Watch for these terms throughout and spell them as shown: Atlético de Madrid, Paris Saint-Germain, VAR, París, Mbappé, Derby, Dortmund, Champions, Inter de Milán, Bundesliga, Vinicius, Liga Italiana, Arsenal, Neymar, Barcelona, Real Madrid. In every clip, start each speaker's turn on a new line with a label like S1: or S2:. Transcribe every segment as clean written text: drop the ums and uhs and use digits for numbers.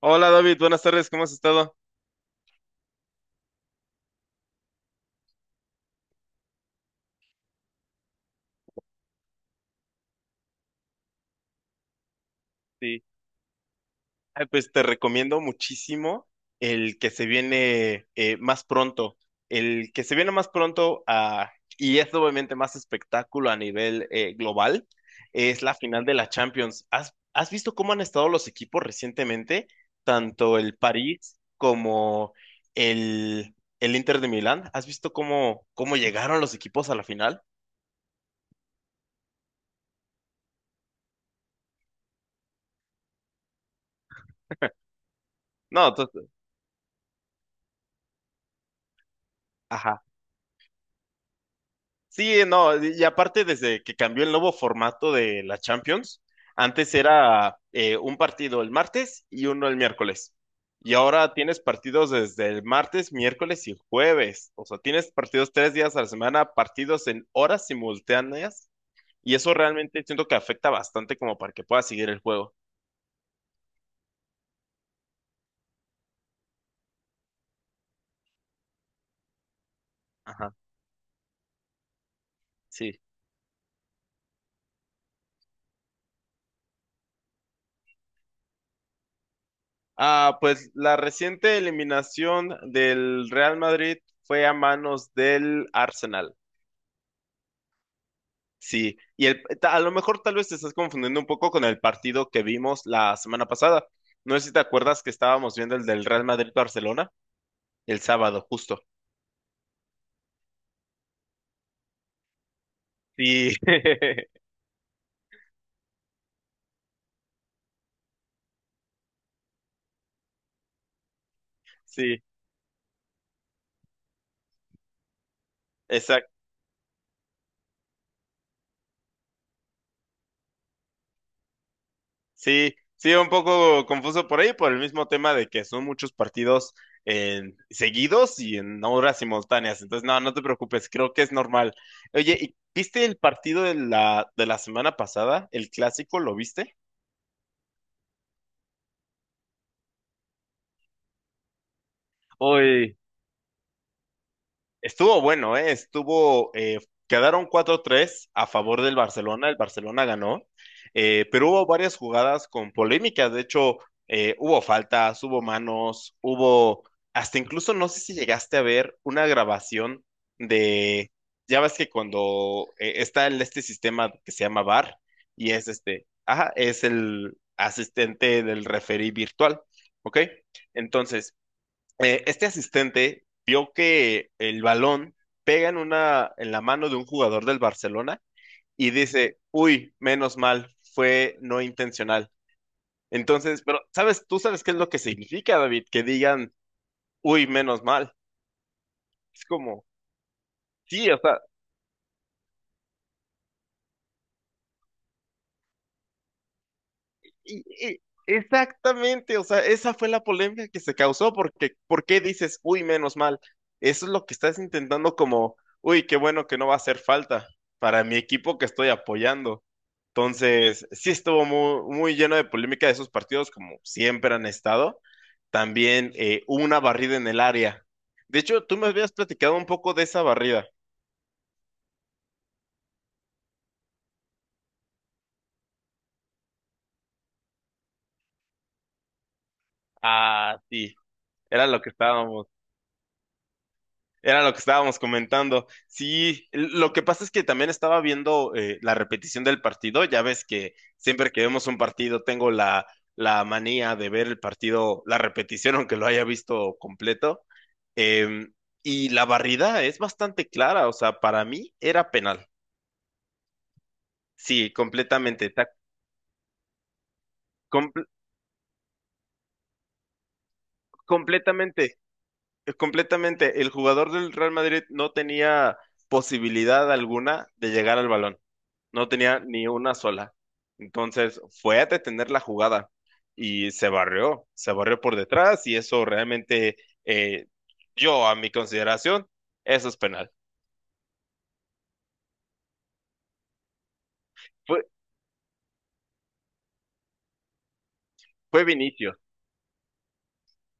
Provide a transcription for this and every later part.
S1: Hola David, buenas tardes, ¿cómo has estado? Sí. Ay, pues te recomiendo muchísimo el que se viene más pronto. El que se viene más pronto, y es obviamente más espectáculo a nivel global, es la final de la Champions. ¿Has visto cómo han estado los equipos recientemente? Tanto el París como el, el Inter de Milán. ¿Has visto cómo llegaron los equipos a la final? No, entonces, sí, no, y aparte desde que cambió el nuevo formato de la Champions, antes era un partido el martes y uno el miércoles. Y ahora tienes partidos desde el martes, miércoles y jueves. O sea, tienes partidos tres días a la semana, partidos en horas simultáneas. Y eso realmente siento que afecta bastante como para que puedas seguir el juego. Ajá, sí. Ah, pues la reciente eliminación del Real Madrid fue a manos del Arsenal. Sí, a lo mejor tal vez te estás confundiendo un poco con el partido que vimos la semana pasada. No sé si te acuerdas que estábamos viendo el del Real Madrid-Barcelona el sábado, justo. Sí, sí, exacto. Sí, sí, un poco confuso por ahí, por el mismo tema de que son muchos partidos seguidos y en horas simultáneas. Entonces, no, no te preocupes, creo que es normal. Oye, ¿viste el partido de de la semana pasada? ¿El clásico? ¿Lo viste? Uy. Estuvo bueno, ¿eh? Estuvo, quedaron cuatro tres a favor del Barcelona, el Barcelona ganó, pero hubo varias jugadas con polémicas, de hecho, hubo faltas, hubo manos, hubo, hasta incluso no sé si llegaste a ver una grabación de, ya ves que cuando está en este sistema que se llama VAR, y es este, ajá, es el asistente del referee virtual, ¿ok? Entonces, este asistente vio que el balón pega en en la mano de un jugador del Barcelona y dice, uy, menos mal, fue no intencional. Entonces, pero sabes, tú sabes qué es lo que significa, David, que digan, uy, menos mal. Es como, sí, o sea, y- y- exactamente, o sea, esa fue la polémica que se causó, porque ¿por qué dices, uy, menos mal? Eso es lo que estás intentando como, uy, qué bueno que no va a hacer falta para mi equipo que estoy apoyando. Entonces, sí estuvo muy, muy lleno de polémica esos partidos, como siempre han estado. También hubo una barrida en el área. De hecho, tú me habías platicado un poco de esa barrida. Ah, sí, era lo que estábamos. Era lo que estábamos comentando. Sí, lo que pasa es que también estaba viendo la repetición del partido. Ya ves que siempre que vemos un partido tengo la, la manía de ver el partido, la repetición, aunque lo haya visto completo. Eh, y la barrida es bastante clara. O sea, para mí era penal. Sí, completamente. Comple- completamente, completamente. El jugador del Real Madrid no tenía posibilidad alguna de llegar al balón. No tenía ni una sola. Entonces fue a detener la jugada y se barrió por detrás y eso realmente, eh, yo a mi consideración, eso es penal. Fue, fue Vinicius,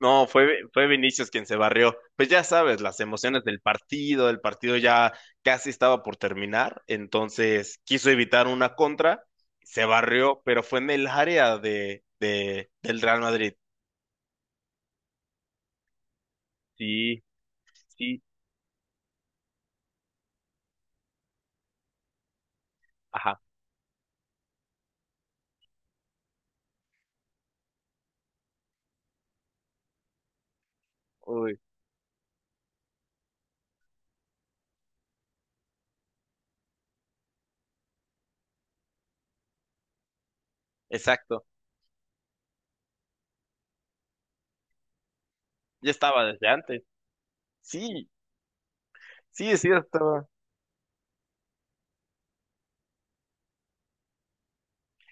S1: no, fue Vinicius quien se barrió. Pues ya sabes, las emociones del partido, el partido ya casi estaba por terminar, entonces quiso evitar una contra, se barrió, pero fue en el área del Real Madrid. Sí, sí, ajá, uy, exacto. Ya estaba desde antes. Sí, sí, sí, estaba.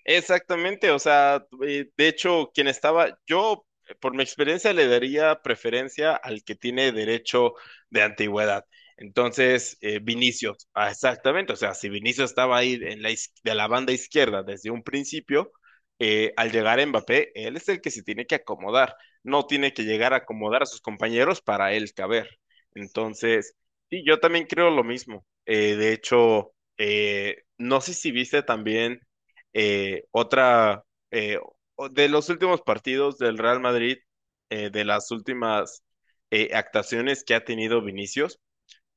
S1: Exactamente, o sea, de hecho, quien estaba, yo por mi experiencia le daría preferencia al que tiene derecho de antigüedad. Entonces, Vinicius, ah, exactamente, o sea, si Vinicius estaba ahí en de la banda izquierda desde un principio, al llegar Mbappé, él es el que se tiene que acomodar, no tiene que llegar a acomodar a sus compañeros para él caber. Entonces, sí, yo también creo lo mismo. De hecho, no sé si viste también. Eh, otra, eh, de los últimos partidos del Real Madrid, de las últimas actuaciones que ha tenido Vinicius,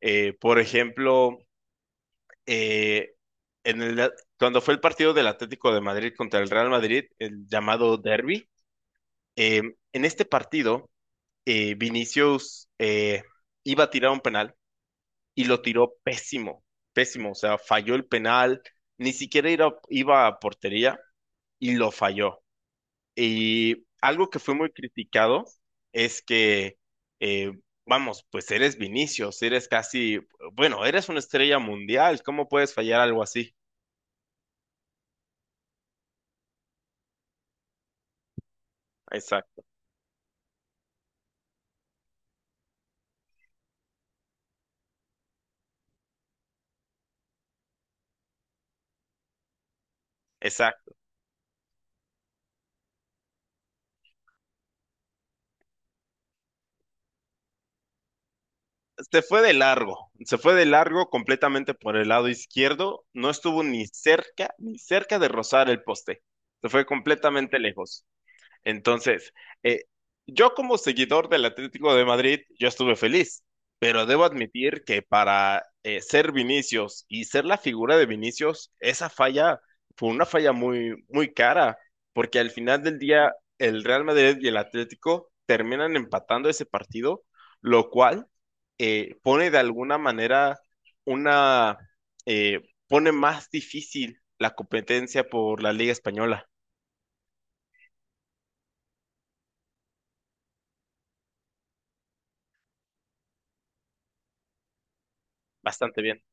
S1: por ejemplo, eh, en el, cuando fue el partido del Atlético de Madrid contra el Real Madrid, el llamado Derby, eh, en este partido, Vinicius iba a tirar un penal y lo tiró pésimo, pésimo, o sea, falló el penal, ni siquiera iba a portería y lo falló. Y algo que fue muy criticado es que, eh, vamos, pues eres Vinicius, eres casi, bueno, eres una estrella mundial, ¿cómo puedes fallar algo así? Exacto, exacto. Se fue de largo, se fue de largo completamente por el lado izquierdo, no estuvo ni cerca, ni cerca de rozar el poste, se fue completamente lejos. Entonces, eh, yo como seguidor del Atlético de Madrid, yo estuve feliz, pero debo admitir que para ser Vinicius y ser la figura de Vinicius, esa falla fue una falla muy, muy cara, porque al final del día el Real Madrid y el Atlético terminan empatando ese partido, lo cual pone de alguna manera una, eh, pone más difícil la competencia por la Liga Española. Bastante bien.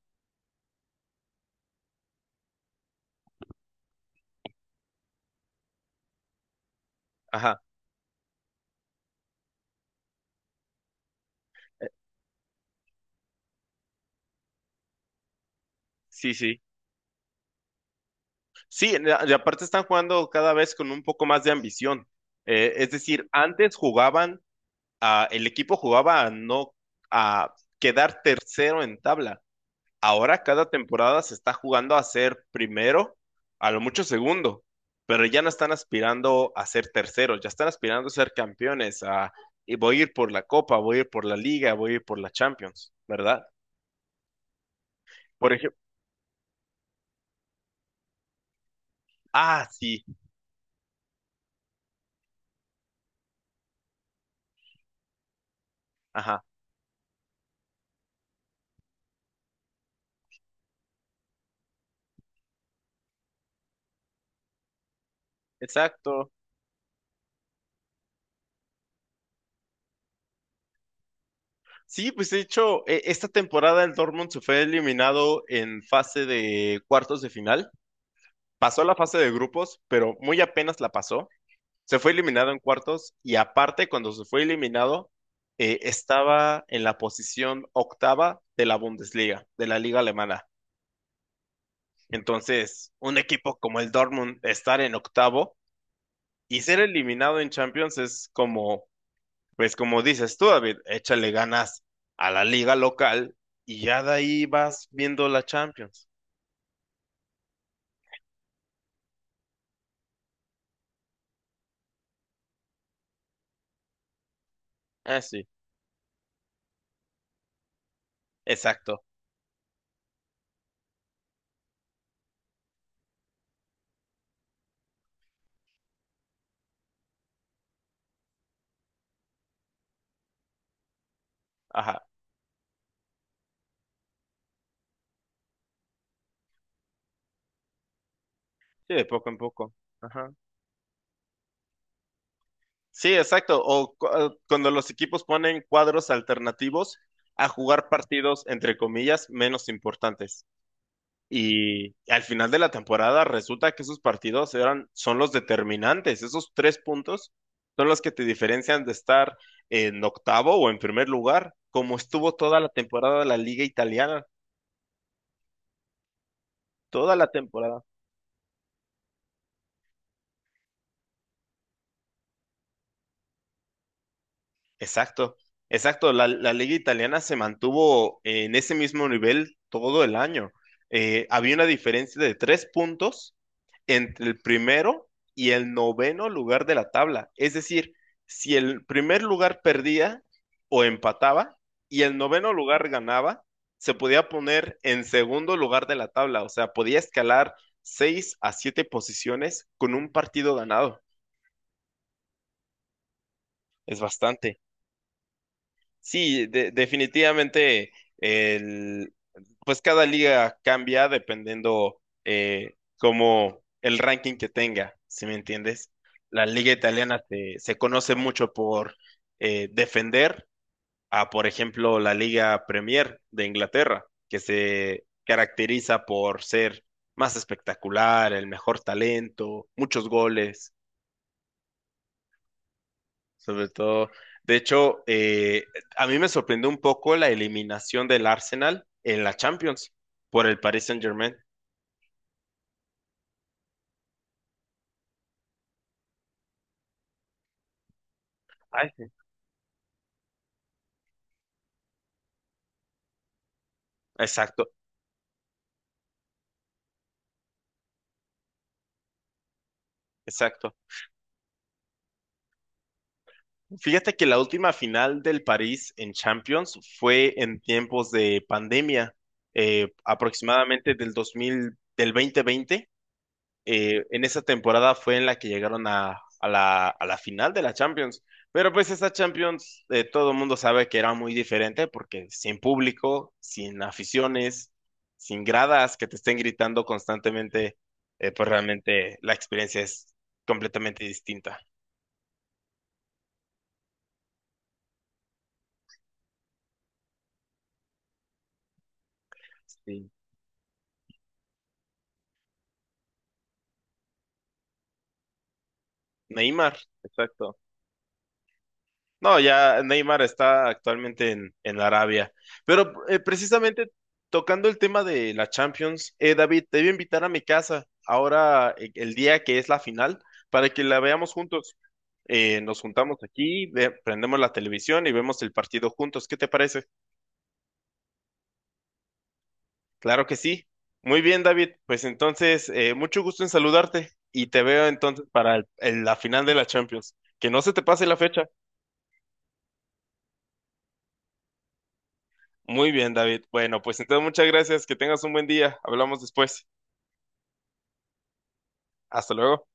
S1: Ajá. Sí, sí. Sí, y aparte están jugando cada vez con un poco más de ambición. Es decir, antes jugaban, el equipo jugaba a no a quedar tercero en tabla. Ahora cada temporada se está jugando a ser primero, a lo mucho segundo, pero ya no están aspirando a ser terceros, ya están aspirando a ser campeones, a y voy a ir por la Copa, voy a ir por la Liga, voy a ir por la Champions, ¿verdad? Por ejemplo, ah, sí, ajá, exacto. Sí, pues de hecho, esta temporada el Dortmund se fue eliminado en fase de cuartos de final. Pasó la fase de grupos, pero muy apenas la pasó. Se fue eliminado en cuartos y aparte, cuando se fue eliminado, estaba en la posición octava de la Bundesliga, de la liga alemana. Entonces, un equipo como el Dortmund estar en octavo y ser eliminado en Champions es como pues como dices tú, David, échale ganas a la liga local y ya de ahí vas viendo la Champions. Ah, sí, exacto. Ajá. Sí, de poco en poco. Ajá. Sí, exacto. Cuando los equipos ponen cuadros alternativos a jugar partidos, entre comillas, menos importantes. Y al final de la temporada resulta que esos partidos son los determinantes. Esos tres puntos son los que te diferencian de estar en octavo o en primer lugar, como estuvo toda la temporada de la Liga Italiana, toda la temporada. Exacto, exacto. La liga italiana se mantuvo en ese mismo nivel todo el año. Había una diferencia de tres puntos entre el primero y el noveno lugar de la tabla. Es decir, si el primer lugar perdía o empataba y el noveno lugar ganaba, se podía poner en segundo lugar de la tabla. O sea, podía escalar seis a siete posiciones con un partido ganado. Es bastante. Sí, definitivamente el, pues cada liga cambia dependiendo como el ranking que tenga, si me entiendes? La liga italiana se conoce mucho por defender a, por ejemplo, la liga Premier de Inglaterra, que se caracteriza por ser más espectacular, el mejor talento, muchos goles. Sobre todo, de hecho, a mí me sorprendió un poco la eliminación del Arsenal en la Champions por el Paris Saint-Germain. Ay, sí. Exacto, exacto. Fíjate que la última final del París en Champions fue en tiempos de pandemia, aproximadamente del 2020. Eh, en esa temporada fue en la que llegaron a la final de la Champions. Pero pues esa Champions, todo el mundo sabe que era muy diferente porque sin público, sin aficiones, sin gradas que te estén gritando constantemente, pues realmente la experiencia es completamente distinta. Sí. Neymar, exacto. No, ya Neymar está actualmente en Arabia. Pero precisamente tocando el tema de la Champions, David, te voy a invitar a mi casa ahora el día que es la final para que la veamos juntos. Nos juntamos aquí, prendemos la televisión y vemos el partido juntos. ¿Qué te parece? Claro que sí. Muy bien, David. Pues entonces, mucho gusto en saludarte y te veo entonces para la final de la Champions. Que no se te pase la fecha. Muy bien, David. Bueno, pues entonces muchas gracias. Que tengas un buen día. Hablamos después. Hasta luego.